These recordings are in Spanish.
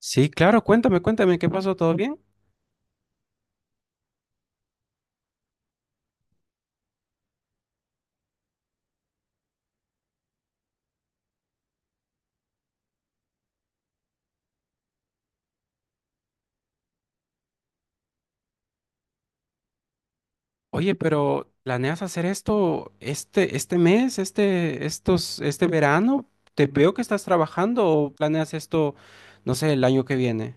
Sí, claro, cuéntame, cuéntame, ¿qué pasó? ¿Todo bien? Oye, pero ¿planeas hacer esto este mes, este verano? Te veo que estás trabajando o planeas esto, no sé, el año que viene.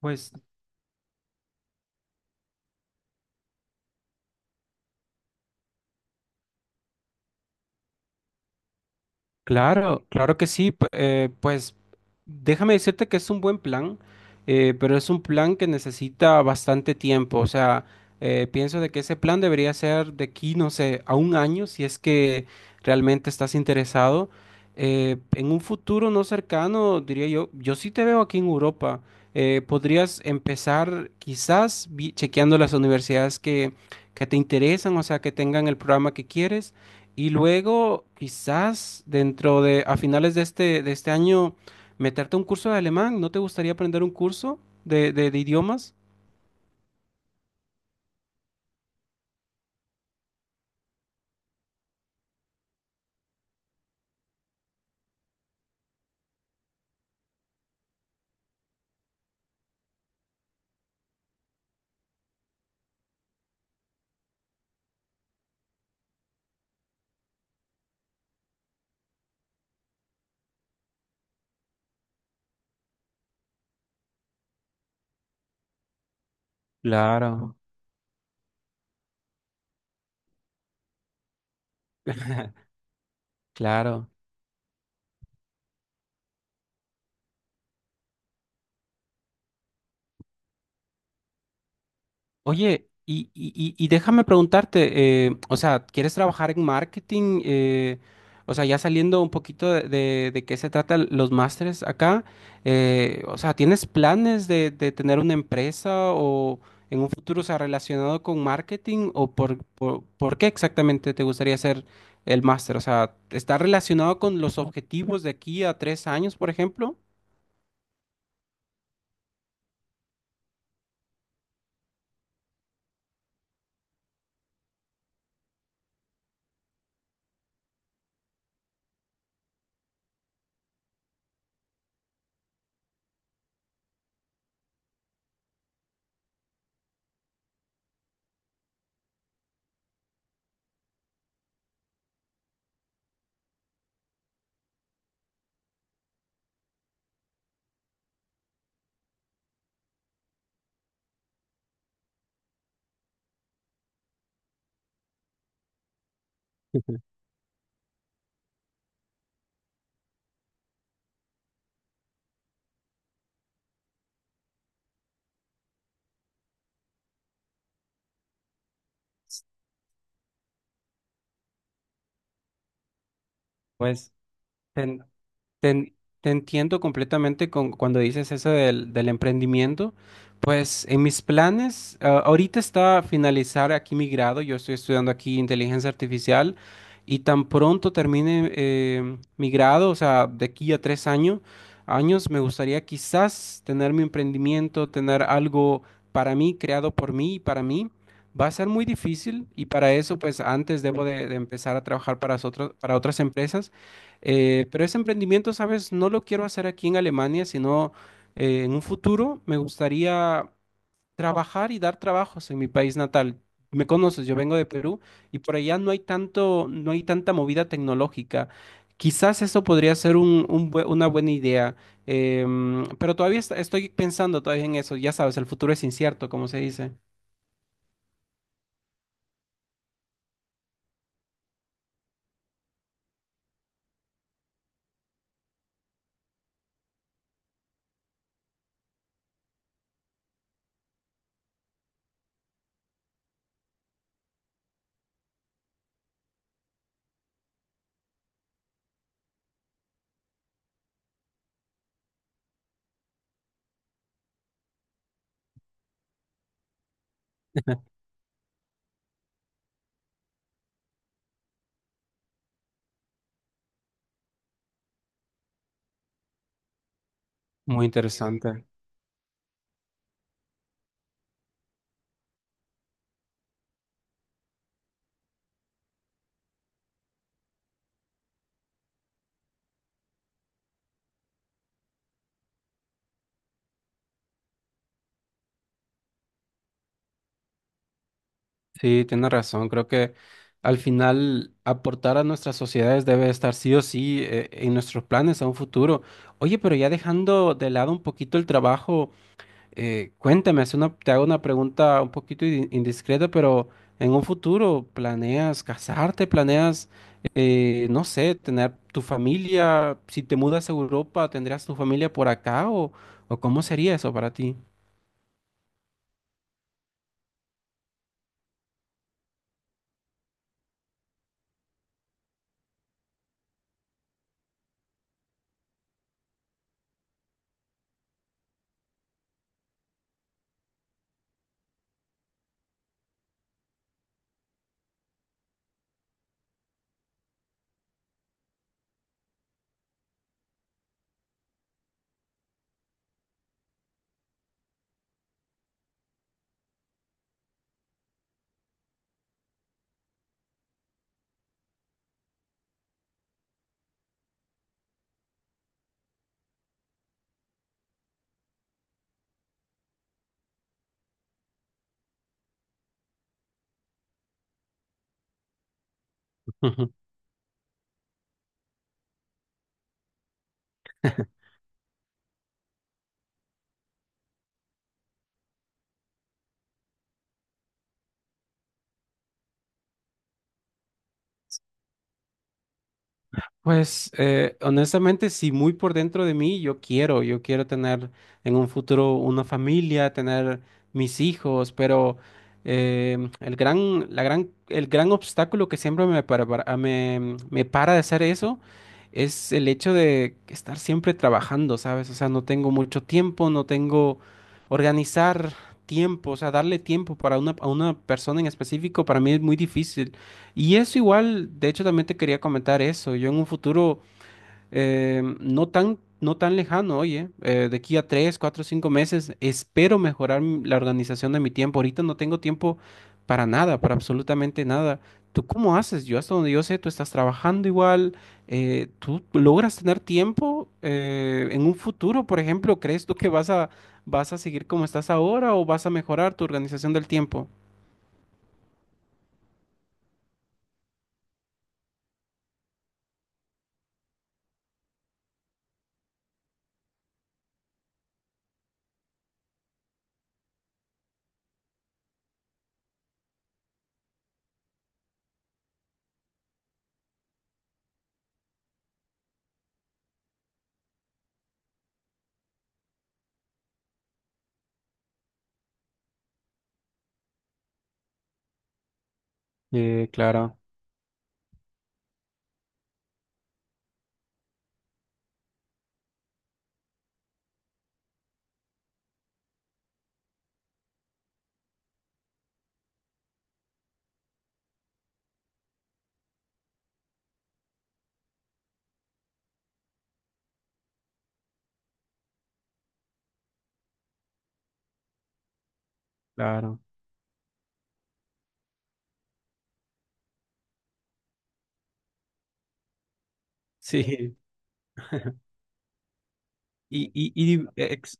Pues claro, claro que sí. Pues déjame decirte que es un buen plan, pero es un plan que necesita bastante tiempo. O sea, pienso de que ese plan debería ser de aquí, no sé, a un año, si es que realmente estás interesado. En un futuro no cercano, diría yo, yo sí te veo aquí en Europa. Podrías empezar quizás chequeando las universidades que te interesan, o sea, que tengan el programa que quieres. Y luego, quizás dentro de, a finales de este año, meterte a un curso de alemán. ¿No te gustaría aprender un curso de idiomas? Claro, claro. Oye, y déjame preguntarte, o sea, ¿quieres trabajar en marketing? O sea, ya saliendo un poquito de qué se trata los másteres acá, o sea, ¿tienes planes de tener una empresa o en un futuro, o sea, relacionado con marketing? ¿O por qué exactamente te gustaría hacer el máster? O sea, ¿está relacionado con los objetivos de aquí a tres años, por ejemplo? Pues ten- Te, en- te entiendo completamente con, cuando dices eso del, del emprendimiento. Pues en mis planes, ahorita está finalizar aquí mi grado. Yo estoy estudiando aquí inteligencia artificial y tan pronto termine mi grado, o sea, de aquí a tres años, años, me gustaría quizás tener mi emprendimiento, tener algo para mí, creado por mí y para mí. Va a ser muy difícil y para eso, pues antes debo de empezar a trabajar para otras empresas. Pero ese emprendimiento, ¿sabes? No lo quiero hacer aquí en Alemania, sino en un futuro me gustaría trabajar y dar trabajos en mi país natal. Me conoces, yo vengo de Perú y por allá no hay tanto, no hay tanta movida tecnológica. Quizás eso podría ser un una buena idea, pero todavía estoy pensando todavía en eso. Ya sabes, el futuro es incierto, como se dice. Muy interesante. Sí, tiene razón. Creo que al final aportar a nuestras sociedades debe estar sí o sí en nuestros planes a un futuro. Oye, pero ya dejando de lado un poquito el trabajo, cuéntame, es una, te hago una pregunta un poquito indiscreta, pero en un futuro, ¿planeas casarte? ¿Planeas, no sé, tener tu familia? Si te mudas a Europa, ¿tendrías tu familia por acá o cómo sería eso para ti? Pues honestamente, sí, muy por dentro de mí, yo quiero tener en un futuro una familia, tener mis hijos, pero el gran, la gran, el gran obstáculo que siempre me para, me, me para de hacer eso es el hecho de estar siempre trabajando, ¿sabes? O sea, no tengo mucho tiempo, no tengo organizar tiempo, o sea, darle tiempo para una, a una persona en específico para mí es muy difícil. Y eso igual, de hecho también te quería comentar eso. Yo en un futuro no tan, no tan lejano, oye, de aquí a tres, cuatro, cinco meses, espero mejorar la organización de mi tiempo. Ahorita no tengo tiempo para nada, para absolutamente nada. ¿Tú cómo haces? Yo hasta donde yo sé, tú estás trabajando igual. ¿Tú logras tener tiempo en un futuro, por ejemplo? ¿Crees tú que vas a, vas a seguir como estás ahora o vas a mejorar tu organización del tiempo? Eh, claro, claro. Sí. Y, y, y di- ex-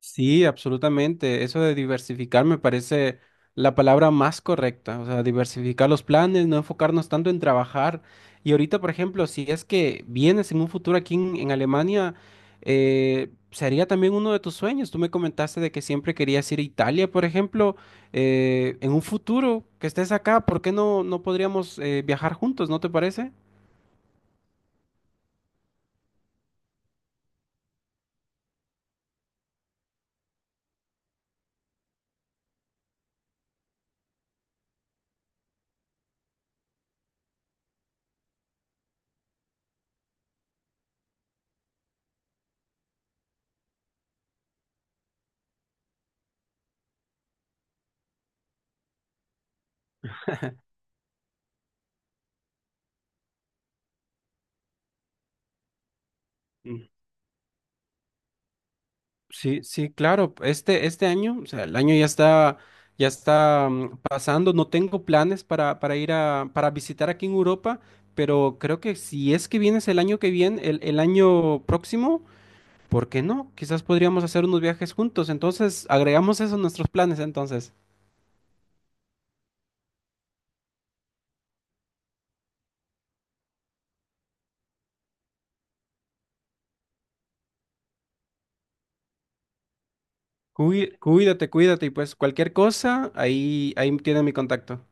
sí, absolutamente. Eso de diversificar me parece la palabra más correcta. O sea, diversificar los planes, no enfocarnos tanto en trabajar. Y ahorita, por ejemplo, si es que vienes en un futuro aquí en Alemania, sería también uno de tus sueños. Tú me comentaste de que siempre querías ir a Italia, por ejemplo. En un futuro que estés acá, ¿por qué no, no podríamos viajar juntos? ¿No te parece? Sí, sí, claro. Este año, o sea, el año ya está pasando. No tengo planes para ir a, para visitar aquí en Europa, pero creo que si es que vienes el año que viene, el año próximo, ¿por qué no? Quizás podríamos hacer unos viajes juntos. Entonces, agregamos eso a nuestros planes, entonces. Cuídate, cuídate, y pues cualquier cosa, ahí, ahí tiene mi contacto.